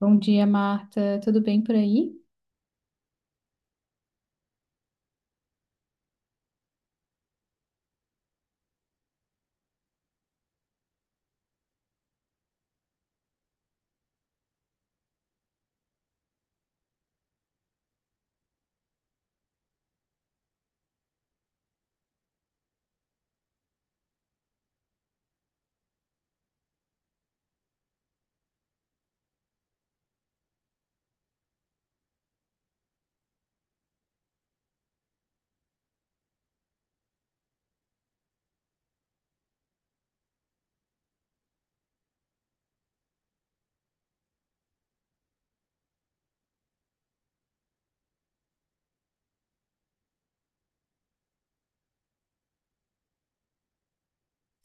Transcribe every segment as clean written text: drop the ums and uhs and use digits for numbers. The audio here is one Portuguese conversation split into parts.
Bom dia, Marta. Tudo bem por aí?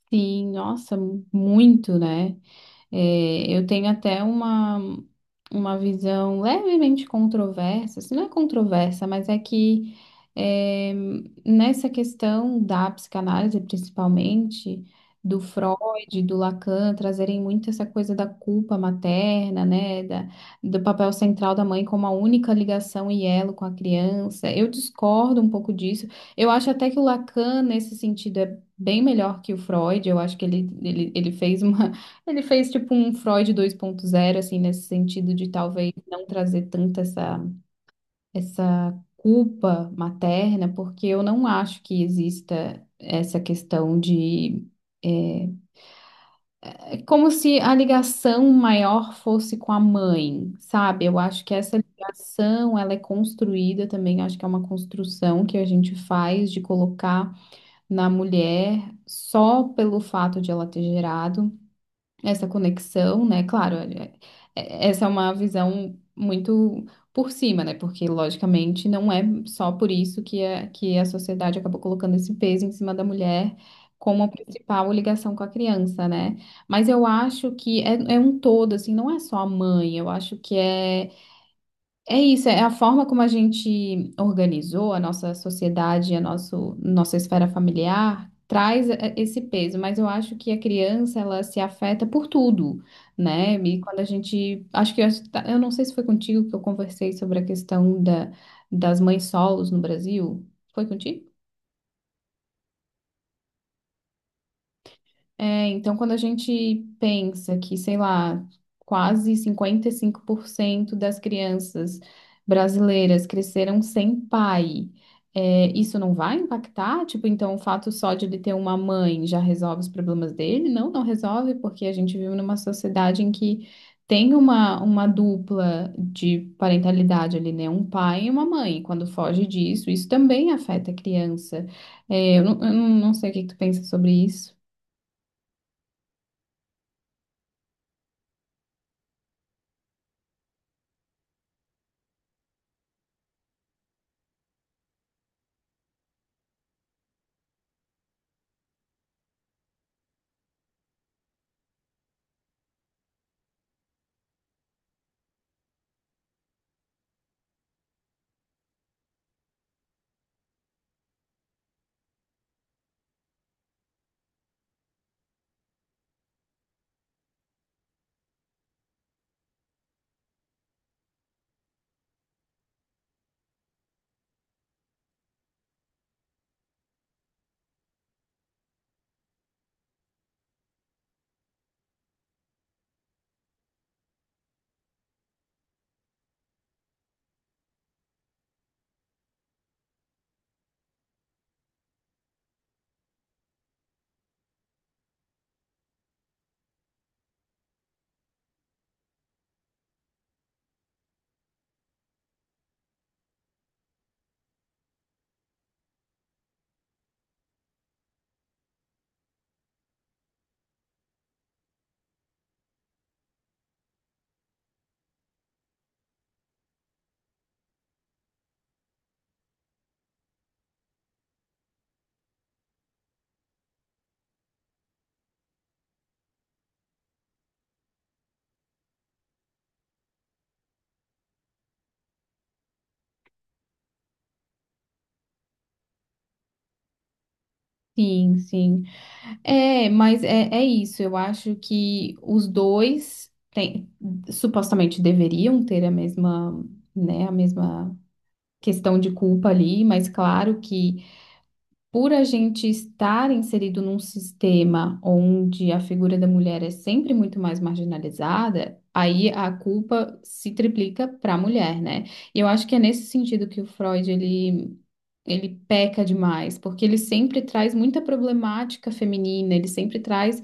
Sim, nossa, muito, né? É, eu tenho até uma visão levemente controversa, se não é controversa, mas é que é, nessa questão da psicanálise, principalmente, do Freud, do Lacan, trazerem muito essa coisa da culpa materna, né, do papel central da mãe como a única ligação e elo com a criança. Eu discordo um pouco disso. Eu acho até que o Lacan, nesse sentido, é bem melhor que o Freud. Eu acho que ele fez uma ele fez tipo um Freud 2.0, assim, nesse sentido de talvez não trazer tanta essa culpa materna, porque eu não acho que exista essa questão de. É, é como se a ligação maior fosse com a mãe, sabe? Eu acho que essa ligação, ela é construída também, acho que é uma construção que a gente faz de colocar na mulher só pelo fato de ela ter gerado essa conexão, né? Claro, essa é uma visão muito por cima, né? Porque, logicamente, não é só por isso que que a sociedade acabou colocando esse peso em cima da mulher como a principal ligação com a criança, né? Mas eu acho que é, é um todo, assim, não é só a mãe, eu acho que é. É isso, é a forma como a gente organizou a nossa sociedade, nossa esfera familiar, traz esse peso, mas eu acho que a criança, ela se afeta por tudo, né? E quando a gente, acho que, eu acho que tá- eu não sei se foi contigo que eu conversei sobre a questão da, das mães solos no Brasil, foi contigo? É, então, quando a gente pensa que, sei lá, quase 55% das crianças brasileiras cresceram sem pai, isso não vai impactar? Tipo, então o fato só de ele ter uma mãe já resolve os problemas dele? Não, não resolve, porque a gente vive numa sociedade em que tem uma dupla de parentalidade ali, né? Um pai e uma mãe. Quando foge disso, isso também afeta a criança. É, eu não sei o que que tu pensa sobre isso. Sim, sim. É, mas é isso. Eu acho que os dois supostamente deveriam ter a mesma, né, a mesma questão de culpa ali, mas claro que por a gente estar inserido num sistema onde a figura da mulher é sempre muito mais marginalizada, aí a culpa se triplica para a mulher, né? E eu acho que é nesse sentido que o Freud ele peca demais, porque ele sempre traz muita problemática feminina, ele sempre traz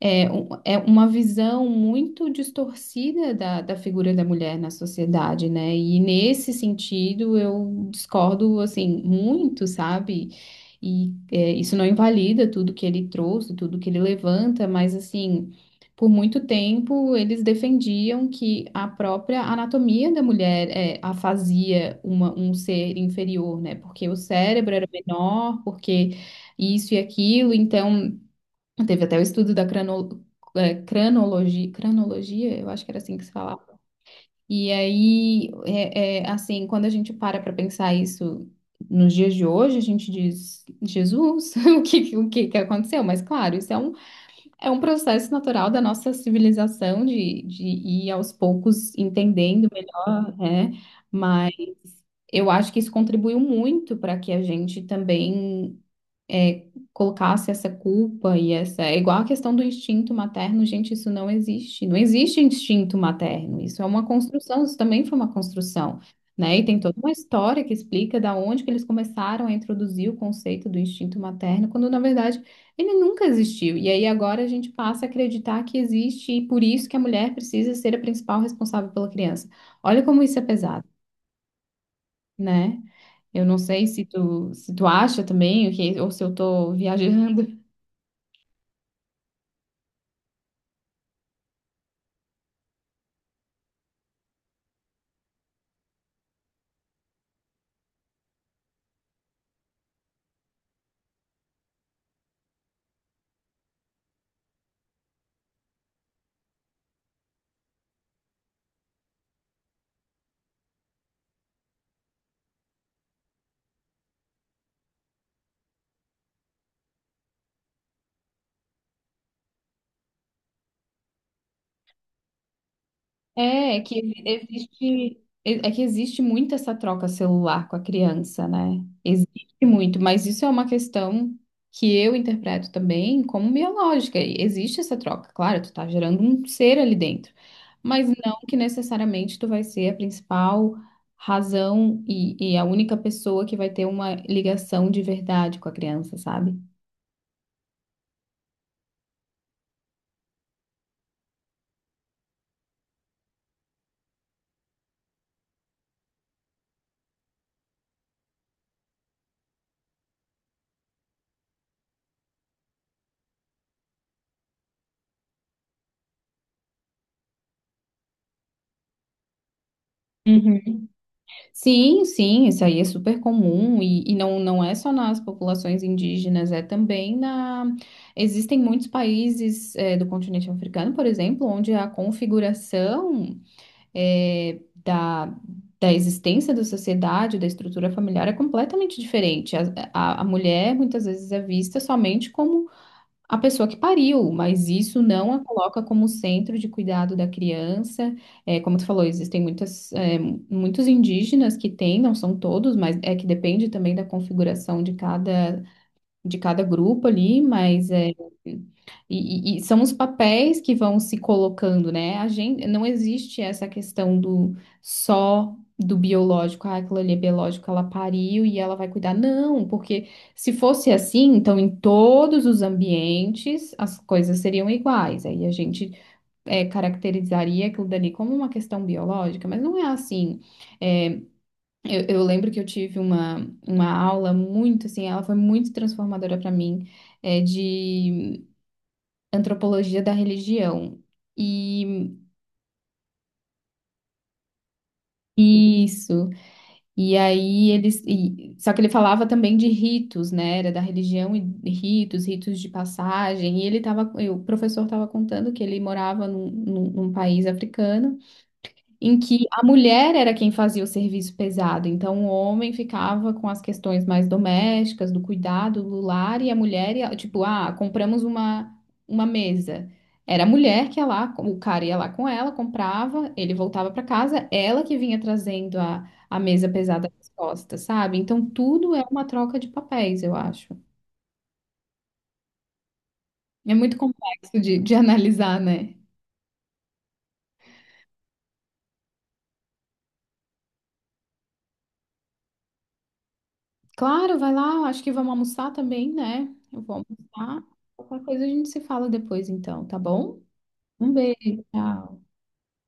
é uma visão muito distorcida da, figura da mulher na sociedade, né? E nesse sentido eu discordo assim muito, sabe? E isso não invalida tudo que ele trouxe, tudo que ele levanta, mas assim. Por muito tempo, eles defendiam que a própria anatomia da mulher a fazia um ser inferior, né? Porque o cérebro era menor, porque isso e aquilo. Então, teve até o estudo da cranologia, eu acho que era assim que se falava. E aí, assim, quando a gente para para pensar isso nos dias de hoje, a gente diz, Jesus, o que que aconteceu? Mas claro, isso é um processo natural da nossa civilização de ir aos poucos entendendo melhor, né? Mas eu acho que isso contribuiu muito para que a gente também é, colocasse essa culpa e essa. É igual a questão do instinto materno, gente, isso não existe. Não existe instinto materno, isso é uma construção, isso também foi uma construção. Né? E tem toda uma história que explica da onde que eles começaram a introduzir o conceito do instinto materno, quando na verdade ele nunca existiu. E aí agora a gente passa a acreditar que existe e por isso que a mulher precisa ser a principal responsável pela criança. Olha como isso é pesado, né? Eu não sei se tu acha também, ou se eu tô viajando. É, é que é que existe muito essa troca celular com a criança, né? Existe muito, mas isso é uma questão que eu interpreto também como biológica. E existe essa troca, claro, tu tá gerando um ser ali dentro, mas não que necessariamente tu vai ser a principal razão e a única pessoa que vai ter uma ligação de verdade com a criança, sabe? Sim, sim, isso aí é super comum e não, não é só nas populações indígenas, é também na... Existem muitos países do continente africano, por exemplo, onde a configuração eh, da, da existência da sociedade, da estrutura familiar é completamente diferente. A mulher muitas vezes é vista somente como a pessoa que pariu, mas isso não a coloca como centro de cuidado da criança. É, como tu falou, existem muitos indígenas que têm, não são todos, mas é que depende também da configuração de cada grupo ali, mas e são os papéis que vão se colocando, né? A gente não existe essa questão do só do biológico, ah, aquilo ali é biológico, ela pariu e ela vai cuidar. Não, porque se fosse assim, então em todos os ambientes as coisas seriam iguais. Aí a gente caracterizaria aquilo dali como uma questão biológica, mas não é assim. É, eu lembro que eu tive uma aula muito, assim, ela foi muito transformadora para mim, de antropologia da religião. E isso. Só que ele falava também de ritos, né? Era da religião e ritos de passagem. E ele tava. E O professor estava contando que ele morava num país africano em que a mulher era quem fazia o serviço pesado, então o homem ficava com as questões mais domésticas, do cuidado, do lar, e a mulher ia, tipo, ah, compramos uma mesa. Era a mulher que ia lá, o cara ia lá com ela, comprava, ele voltava para casa, ela que vinha trazendo a mesa pesada nas costas, sabe? Então tudo é uma troca de papéis, eu acho. É muito complexo de analisar, né? Claro, vai lá. Acho que vamos almoçar também, né? Eu vou almoçar. Qualquer coisa a gente se fala depois, então, tá bom? Um beijo, tchau.